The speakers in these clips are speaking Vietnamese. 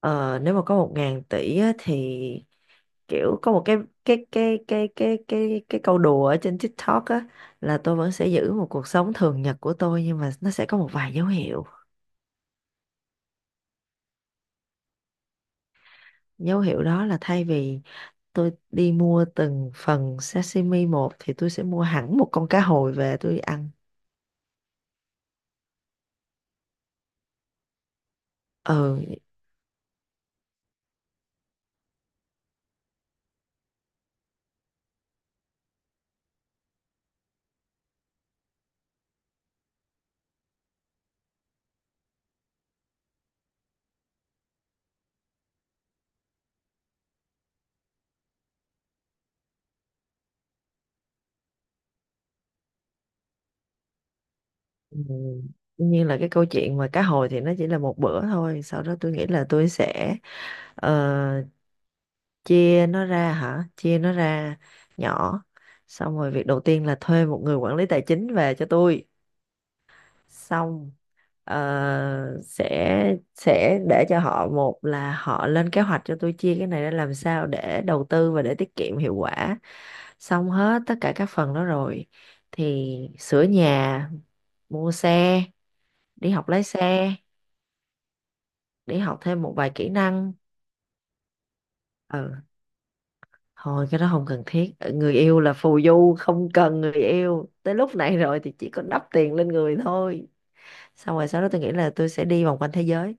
Ờ, Nếu mà có 1.000 tỷ á, thì kiểu có một cái câu đùa ở trên TikTok á, là tôi vẫn sẽ giữ một cuộc sống thường nhật của tôi, nhưng mà nó sẽ có một vài dấu hiệu. Dấu hiệu đó là thay vì tôi đi mua từng phần sashimi một thì tôi sẽ mua hẳn một con cá hồi về tôi ăn. Ừ. Ừ, tuy nhiên là cái câu chuyện mà cá hồi thì nó chỉ là một bữa thôi, sau đó tôi nghĩ là tôi sẽ ờ, chia nó ra hả, chia nó ra nhỏ, xong rồi việc đầu tiên là thuê một người quản lý tài chính về cho tôi. Xong, sẽ để cho họ một là họ lên kế hoạch cho tôi chia cái này ra làm sao để đầu tư và để tiết kiệm hiệu quả. Xong hết tất cả các phần đó rồi thì sửa nhà, mua xe, đi học lái xe, đi học thêm một vài kỹ năng. Ừ. Thôi, cái đó không cần thiết, người yêu là phù du, không cần người yêu tới lúc này rồi thì chỉ có đắp tiền lên người thôi. Xong rồi sau đó tôi nghĩ là tôi sẽ đi vòng quanh thế giới.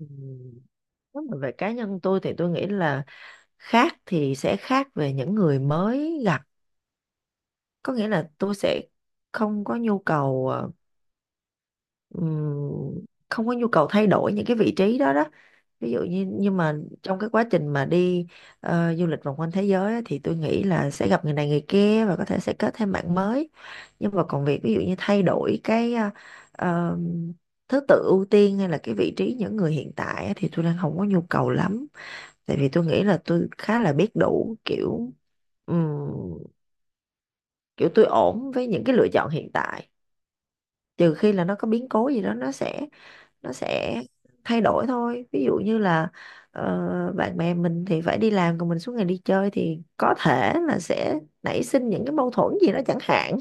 Ừm, Nếu mà về cá nhân tôi thì tôi nghĩ là, khác thì sẽ khác về những người mới gặp, có nghĩa là tôi sẽ không có nhu cầu ờ, ừm, không có nhu cầu thay đổi những cái vị trí đó đó. Ví dụ như, nhưng mà trong cái quá trình mà đi du lịch vòng quanh thế giới á, thì tôi nghĩ là sẽ gặp người này người kia và có thể sẽ kết thêm bạn mới, nhưng mà còn việc ví dụ như thay đổi cái ờ, thứ tự ưu tiên hay là cái vị trí những người hiện tại á, thì tôi đang không có nhu cầu lắm, tại vì tôi nghĩ là tôi khá là biết đủ kiểu. ừm, Kiểu tôi ổn với những cái lựa chọn hiện tại, trừ khi là nó có biến cố gì đó nó sẽ thay đổi thôi. Ví dụ như là bạn bè mình thì phải đi làm còn mình suốt ngày đi chơi thì có thể là sẽ nảy sinh những cái mâu thuẫn gì đó chẳng hạn.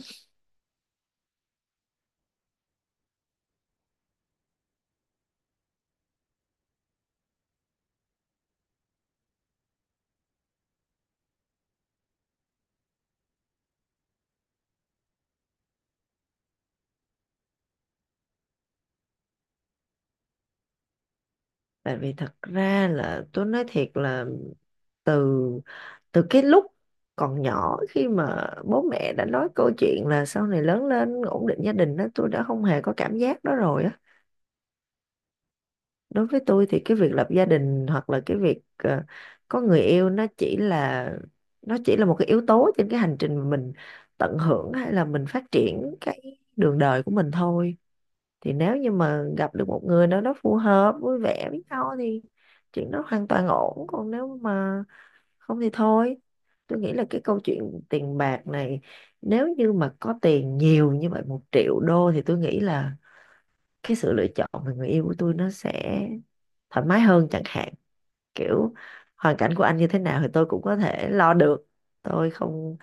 Tại vì thật ra là tôi nói thiệt là, từ từ cái lúc còn nhỏ, khi mà bố mẹ đã nói câu chuyện là sau này lớn lên ổn định gia đình đó, tôi đã không hề có cảm giác đó rồi á. Đối với tôi thì cái việc lập gia đình hoặc là cái việc có người yêu, nó chỉ là một cái yếu tố trên cái hành trình mà mình tận hưởng hay là mình phát triển cái đường đời của mình thôi. Thì nếu như mà gặp được một người nào đó phù hợp vui vẻ với nhau thì chuyện đó hoàn toàn ổn, còn nếu mà không thì thôi. Tôi nghĩ là cái câu chuyện tiền bạc này, nếu như mà có tiền nhiều như vậy 1 triệu đô thì tôi nghĩ là cái sự lựa chọn về người yêu của tôi nó sẽ thoải mái hơn chẳng hạn. Kiểu hoàn cảnh của anh như thế nào thì tôi cũng có thể lo được, tôi không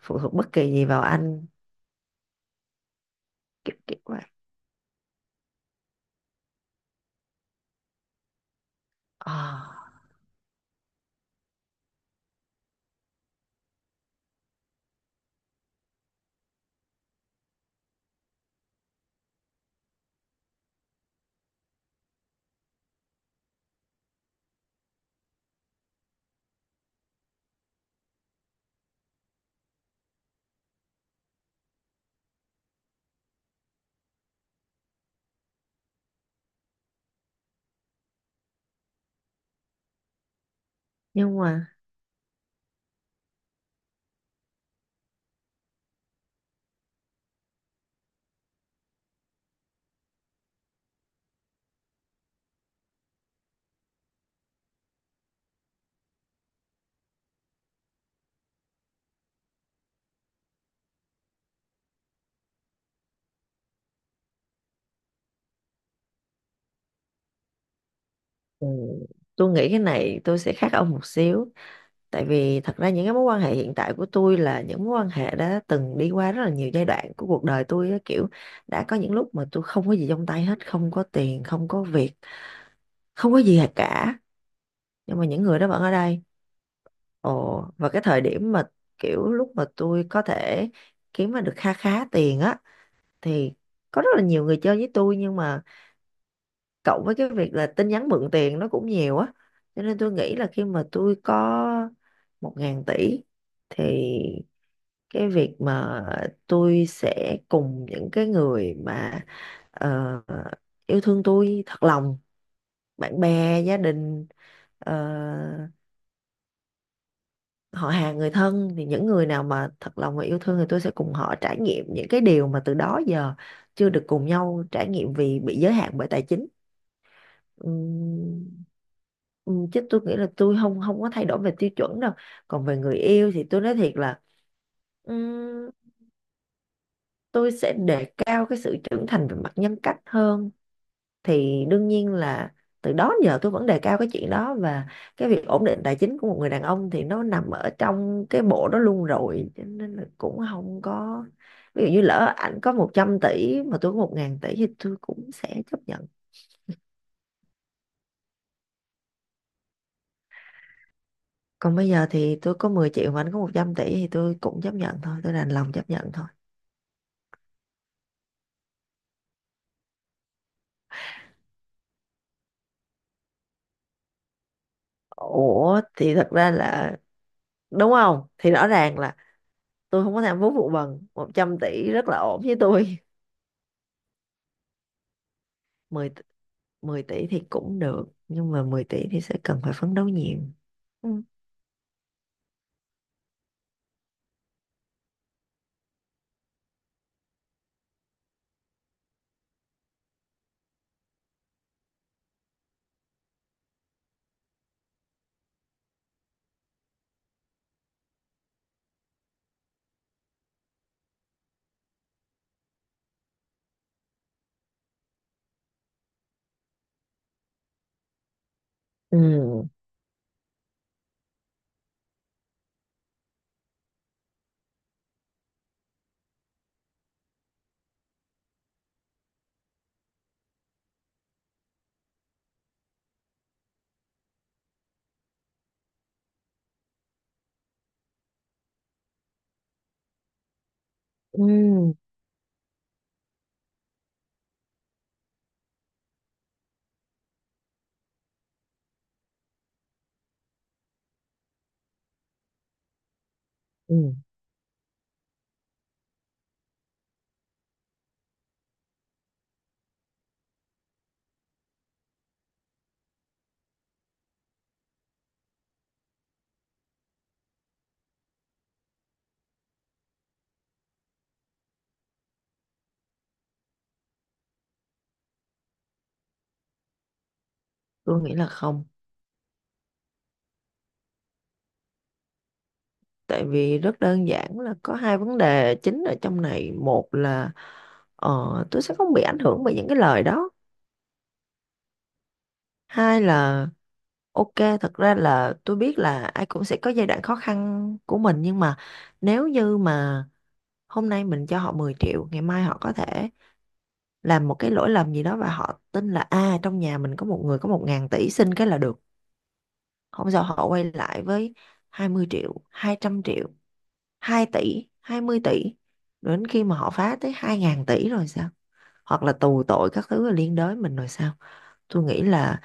phụ thuộc bất kỳ gì vào anh. Kiểu kiểu vậy. Ờ, nhưng mà ừ, tôi nghĩ cái này tôi sẽ khác ông một xíu, tại vì thật ra những cái mối quan hệ hiện tại của tôi là những mối quan hệ đã từng đi qua rất là nhiều giai đoạn của cuộc đời tôi á, kiểu đã có những lúc mà tôi không có gì trong tay hết, không có tiền không có việc, không có gì cả, nhưng mà những người đó vẫn ở đây. Ồ, và cái thời điểm mà kiểu lúc mà tôi có thể kiếm ra được kha khá tiền á, thì có rất là nhiều người chơi với tôi, nhưng mà cộng với cái việc là tin nhắn mượn tiền nó cũng nhiều á, cho nên tôi nghĩ là khi mà tôi có 1.000 tỷ thì cái việc mà tôi sẽ cùng những cái người mà ờ, yêu thương tôi thật lòng, bạn bè gia đình, ờ, họ hàng người thân, thì những người nào mà thật lòng và yêu thương thì tôi sẽ cùng họ trải nghiệm những cái điều mà từ đó giờ chưa được cùng nhau trải nghiệm vì bị giới hạn bởi tài chính. Ừm, Chứ tôi nghĩ là tôi không không có thay đổi về tiêu chuẩn đâu. Còn về người yêu thì tôi nói thiệt là, ừm, tôi sẽ đề cao cái sự trưởng thành về mặt nhân cách hơn. Thì đương nhiên là từ đó đến giờ tôi vẫn đề cao cái chuyện đó, và cái việc ổn định tài chính của một người đàn ông thì nó nằm ở trong cái bộ đó luôn rồi, cho nên là cũng không có. Ví dụ như lỡ ảnh có 100 tỷ mà tôi có một ngàn tỷ thì tôi cũng sẽ chấp nhận. Còn bây giờ thì tôi có 10 triệu mà anh có 100 tỷ thì tôi cũng chấp nhận thôi, tôi đành lòng chấp nhận thôi. Ủa thì thật ra là, đúng không, thì rõ ràng là tôi không có tham vốn vụ bần, 100 tỷ rất là ổn với tôi. 10, 10 tỷ thì cũng được, nhưng mà 10 tỷ thì sẽ cần phải phấn đấu nhiều. Ừ. Ừ. Ừ. Ừ. Tôi nghĩ là không. Tại vì rất đơn giản là có hai vấn đề chính ở trong này. Một là ờ, tôi sẽ không bị ảnh hưởng bởi những cái lời đó. Hai là, ok, thật ra là tôi biết là ai cũng sẽ có giai đoạn khó khăn của mình, nhưng mà nếu như mà hôm nay mình cho họ 10 triệu, ngày mai họ có thể làm một cái lỗi lầm gì đó và họ tin là, à, trong nhà mình có một người có 1.000 tỷ, xin cái là được. Không sao, họ quay lại với 20 triệu, 200 triệu, 2 tỷ, 20 tỷ. Đến khi mà họ phá tới 2.000 tỷ rồi sao? Hoặc là tù tội các thứ liên đới mình rồi sao? Tôi nghĩ là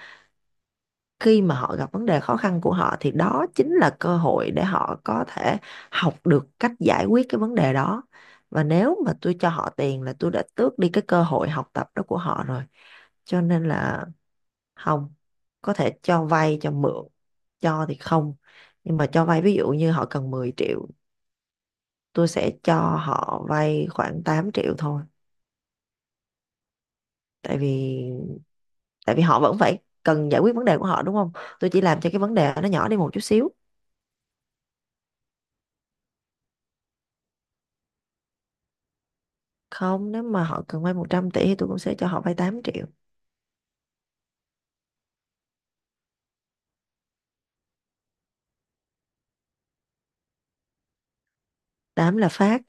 khi mà họ gặp vấn đề khó khăn của họ thì đó chính là cơ hội để họ có thể học được cách giải quyết cái vấn đề đó, và nếu mà tôi cho họ tiền là tôi đã tước đi cái cơ hội học tập đó của họ rồi. Cho nên là không. Có thể cho vay cho mượn, cho thì không. Nhưng mà cho vay, ví dụ như họ cần 10 triệu, tôi sẽ cho họ vay khoảng 8 triệu thôi. Tại vì tại vì họ vẫn phải cần giải quyết vấn đề của họ, đúng không? Tôi chỉ làm cho cái vấn đề nó nhỏ đi một chút xíu. Không, nếu mà họ cần vay 100 tỷ thì tôi cũng sẽ cho họ vay 8 triệu. Tám là phát.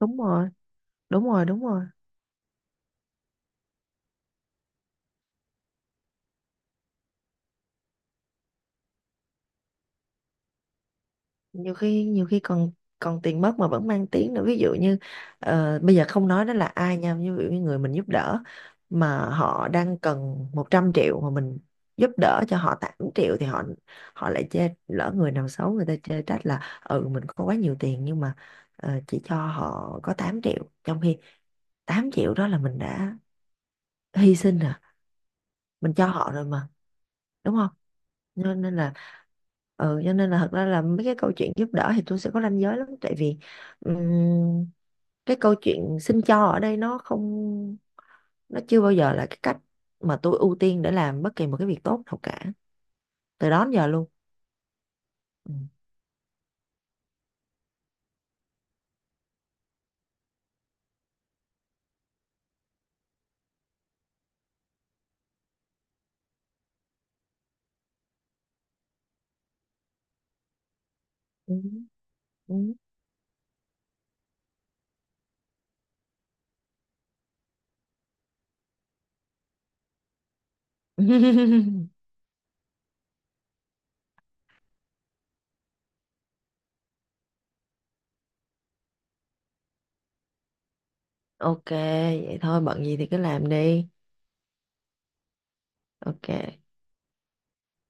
Đúng rồi. Đúng rồi. Đúng rồi. Nhiều khi còn còn tiền mất mà vẫn mang tiếng nữa. Ví dụ như bây giờ không nói đó là ai nha, ví dụ như người mình giúp đỡ mà họ đang cần 100 triệu mà mình giúp đỡ cho họ 8 triệu, thì họ họ lại chê, lỡ người nào xấu người ta chê trách là, ừ, mình có quá nhiều tiền nhưng mà chỉ cho họ có 8 triệu, trong khi 8 triệu đó là mình đã hy sinh rồi, mình cho họ rồi mà, đúng không? Cho nên là ừ, cho nên là thật ra là mấy cái câu chuyện giúp đỡ thì tôi sẽ có ranh giới lắm, tại vì ừm, cái câu chuyện xin cho ở đây, nó không, nó chưa bao giờ là cái cách mà tôi ưu tiên để làm bất kỳ một cái việc tốt nào cả, từ đó đến giờ luôn. Ừ. Ừ. Ừ. Ok, vậy thôi bận gì thì cứ làm đi. Ok.